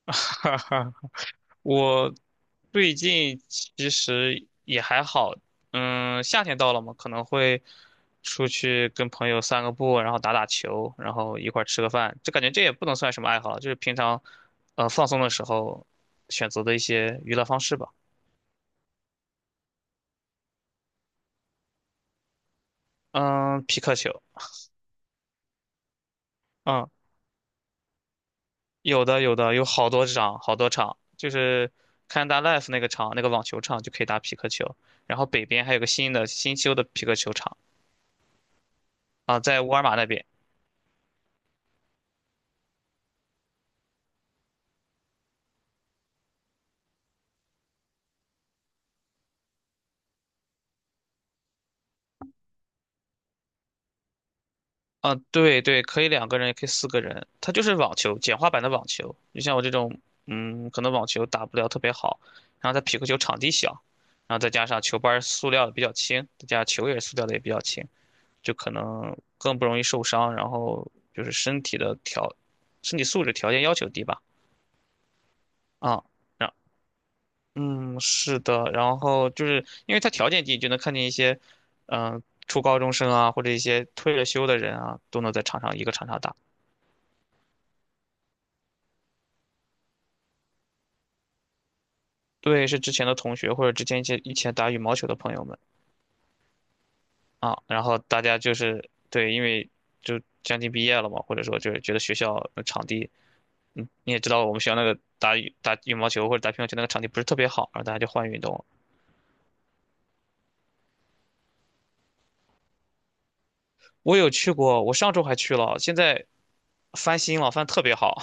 哈哈，我最近其实也还好，嗯，夏天到了嘛，可能会出去跟朋友散个步，然后打打球，然后一块儿吃个饭，就感觉这也不能算什么爱好，就是平常，放松的时候选择的一些娱乐方式吧。嗯，匹克球。嗯，有的有的，有好多场好多场，就是看大 Life 那个场，那个网球场就可以打匹克球，然后北边还有个新修的匹克球场啊，在沃尔玛那边。啊，对对，可以两个人，也可以四个人，它就是网球，简化版的网球。就像我这种，嗯，可能网球打不了特别好，然后它匹克球场地小，然后再加上球拍儿塑料的比较轻，再加上球也是塑料的也比较轻，就可能更不容易受伤，然后就是身体素质条件要求低吧。啊，然嗯，是的，然后就是因为它条件低，就能看见一些，嗯、初高中生啊，或者一些退了休的人啊，都能在一个场上打。对，是之前的同学或者之前一些以前打羽毛球的朋友们啊，然后大家就是对，因为就将近毕业了嘛，或者说就是觉得学校的场地。嗯，你也知道我们学校那个打羽毛球或者打乒乓球那个场地不是特别好，然后大家就换运动了。我有去过，我上周还去了，现在翻新了，翻得特别好。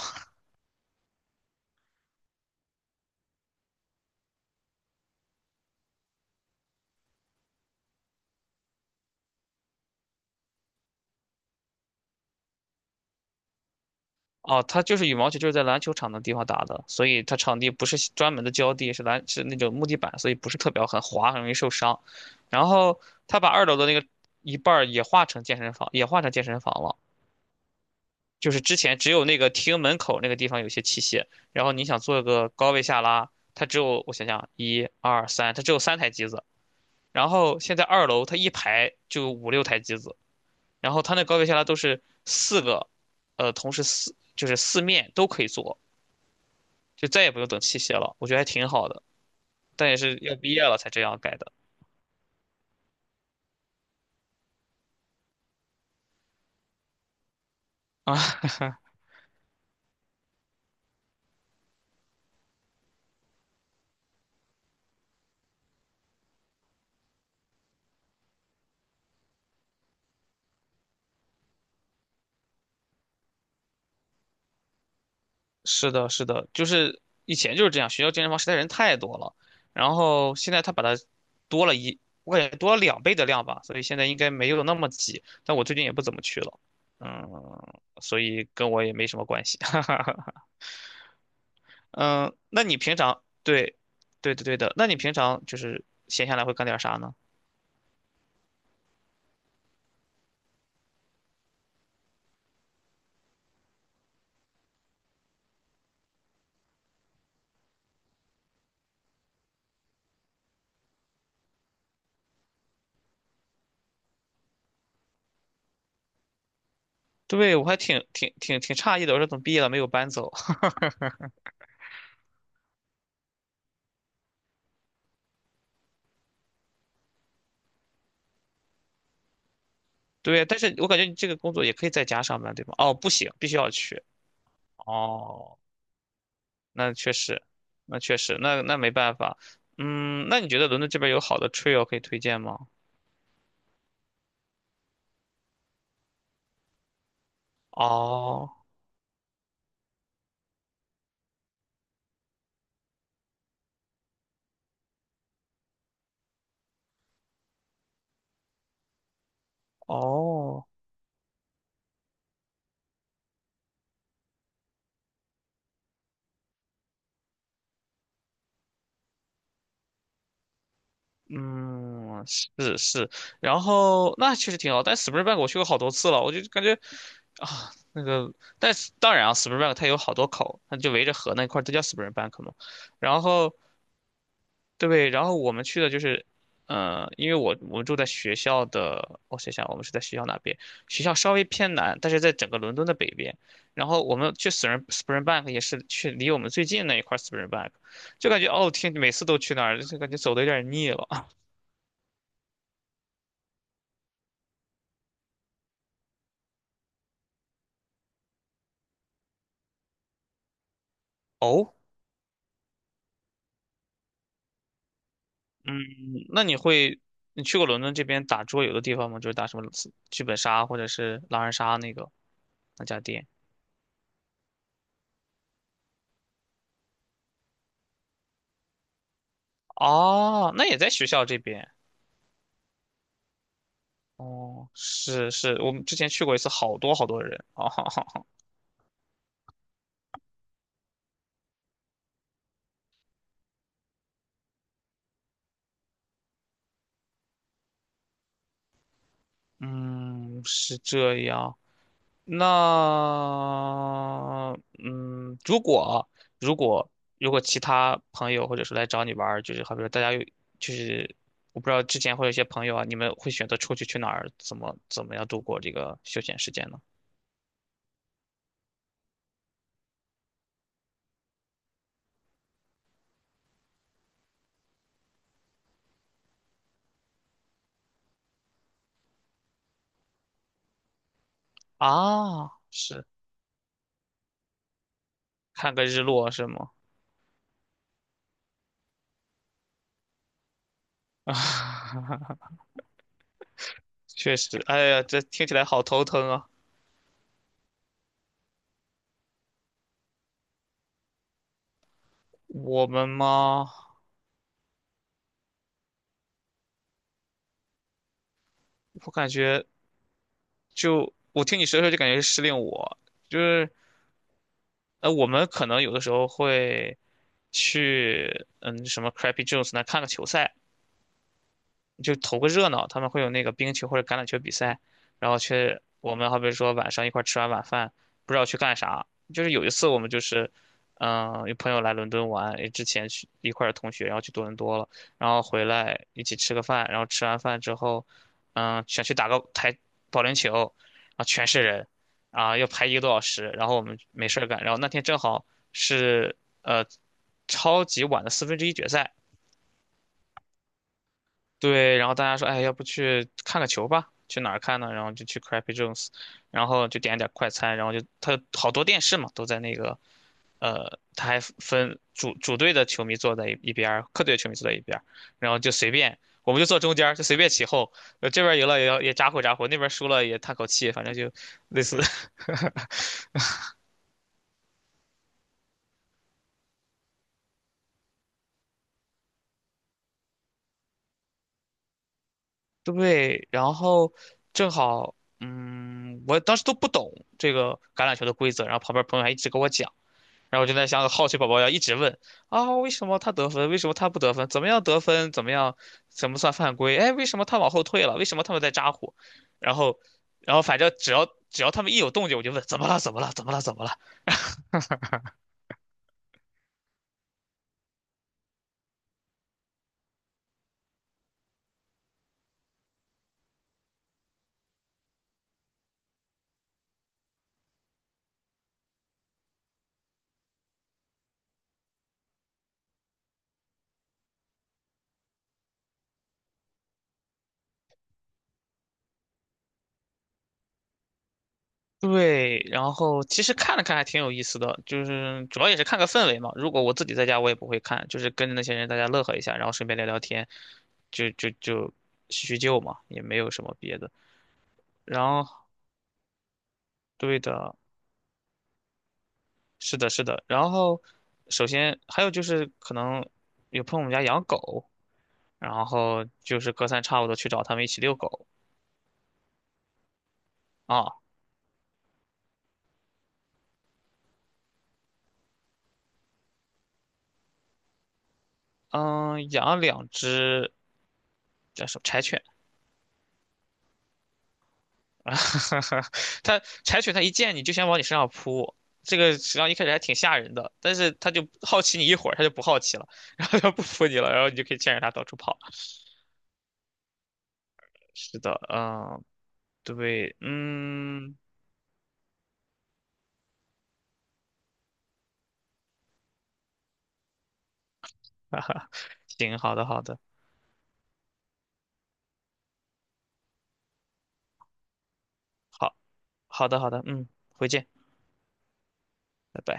哦，它就是羽毛球，就是在篮球场的地方打的，所以它场地不是专门的胶地，是那种木地板，所以不是特别好很滑，很容易受伤。然后他把二楼的那个一半儿也划成健身房了。就是之前只有那个厅门口那个地方有些器械，然后你想做个高位下拉，它只有我想想，一二三，它只有三台机子。然后现在二楼它一排就五六台机子，然后它那高位下拉都是四个，同时四就是四面都可以做。就再也不用等器械了，我觉得还挺好的。但也是要毕业了才这样改的啊。是的，是的，就是以前就是这样，学校健身房实在人太多了，然后现在他把它多了一，我感觉多了两倍的量吧，所以现在应该没有那么挤。但我最近也不怎么去了，嗯，所以跟我也没什么关系。哈哈。嗯，那你平常对，对的对的，那你平常就是闲下来会干点啥呢？对，我还挺诧异的，我说怎么毕业了没有搬走？对，但是我感觉你这个工作也可以在家上班，对吗？哦，不行，必须要去。哦，那确实，那确实，那没办法。嗯，那你觉得伦敦这边有好的 trail 可以推荐吗？哦哦，嗯，是是。然后那确实挺好，但 Springbank 我去过好多次了，我就感觉啊，那个，但是当然啊，Springbank 它有好多口，它就围着河那块儿，都叫 Springbank 嘛。然后对，然后我们去的就是，因为我们住在学校的，我想想，我们是在学校哪边？学校稍微偏南，但是在整个伦敦的北边。然后我们去 Springbank 也是去离我们最近那一块 Springbank，就感觉哦天，每次都去那儿，就感觉走的有点腻了。哦。嗯，那你会你去过伦敦这边打桌游的地方吗？就是打什么剧本杀或者是狼人杀那家店？哦，那也在学校这边。哦，是是，我们之前去过一次，好多好多人啊，哈哈哈。嗯，是这样。那，嗯，如果啊如果如果其他朋友或者说来找你玩儿，就是好比说大家有，就是我不知道之前会有一些朋友啊，你们会选择出去去哪儿，怎么怎么样度过这个休闲时间呢？啊，是看个日落是吗？确实，哎呀，这听起来好头疼啊。我们吗？我感觉。就我听你说的时候就感觉是失恋。就是我们可能有的时候会去什么 Crappy Jones 那看个球赛啊，就投个热闹，他们会有那个冰球或者橄榄球比赛，然后去我们好比说晚上一块儿吃完晚饭，不知道去干啥。就是有一次我们就是，嗯、有朋友来伦敦玩，也之前去一块儿的同学，然后去多伦多了，然后回来一起吃个饭，然后吃完饭之后，嗯、想去打个保龄球，啊，全是人，啊，要排一个多小时，然后我们没事儿干，然后那天正好是呃超级晚的四分之一决赛。对，然后大家说，哎，要不去看个球吧？去哪儿看呢？然后就去 Crappy Jones，然后就点了点快餐，然后就他好多电视嘛，都在那个他还分主队的球迷坐在一边儿客队的球迷坐在一边儿。然后就随便，我们就坐中间儿就随便起哄，这边儿赢了也要也咋呼咋呼，那边儿输了也叹口气，反正就类似。对，然后正好，嗯，我当时都不懂这个橄榄球的规则，然后旁边朋友还一直跟我讲。然后我就在想，好奇宝宝要一直问啊，为什么他得分？为什么他不得分？怎么样得分？怎么样？怎么算犯规？哎，为什么他往后退了？为什么他们在扎呼？然后，然后反正只要他们一有动静，我就问怎么了？怎么了？怎么了？怎么了？对，然后其实看了看还挺有意思的，就是主要也是看个氛围嘛。如果我自己在家，我也不会看，就是跟着那些人大家乐呵一下，然后顺便聊聊天，就就就叙叙旧嘛，也没有什么别的。然后对的，是的，是的。然后，首先还有就是可能有朋友我们家养狗，然后就是隔三差五的去找他们一起遛狗啊。嗯，养了两只叫什么柴犬，它柴犬它一见你就想往你身上扑，这个实际上一开始还挺吓人的，但是它就好奇你一会儿，它就不好奇了，然后它不扑你了，然后你就可以牵着它到处跑。是的，嗯，对，嗯，哈哈，行，好的，好的，好，好的，好的，嗯，回见。拜拜。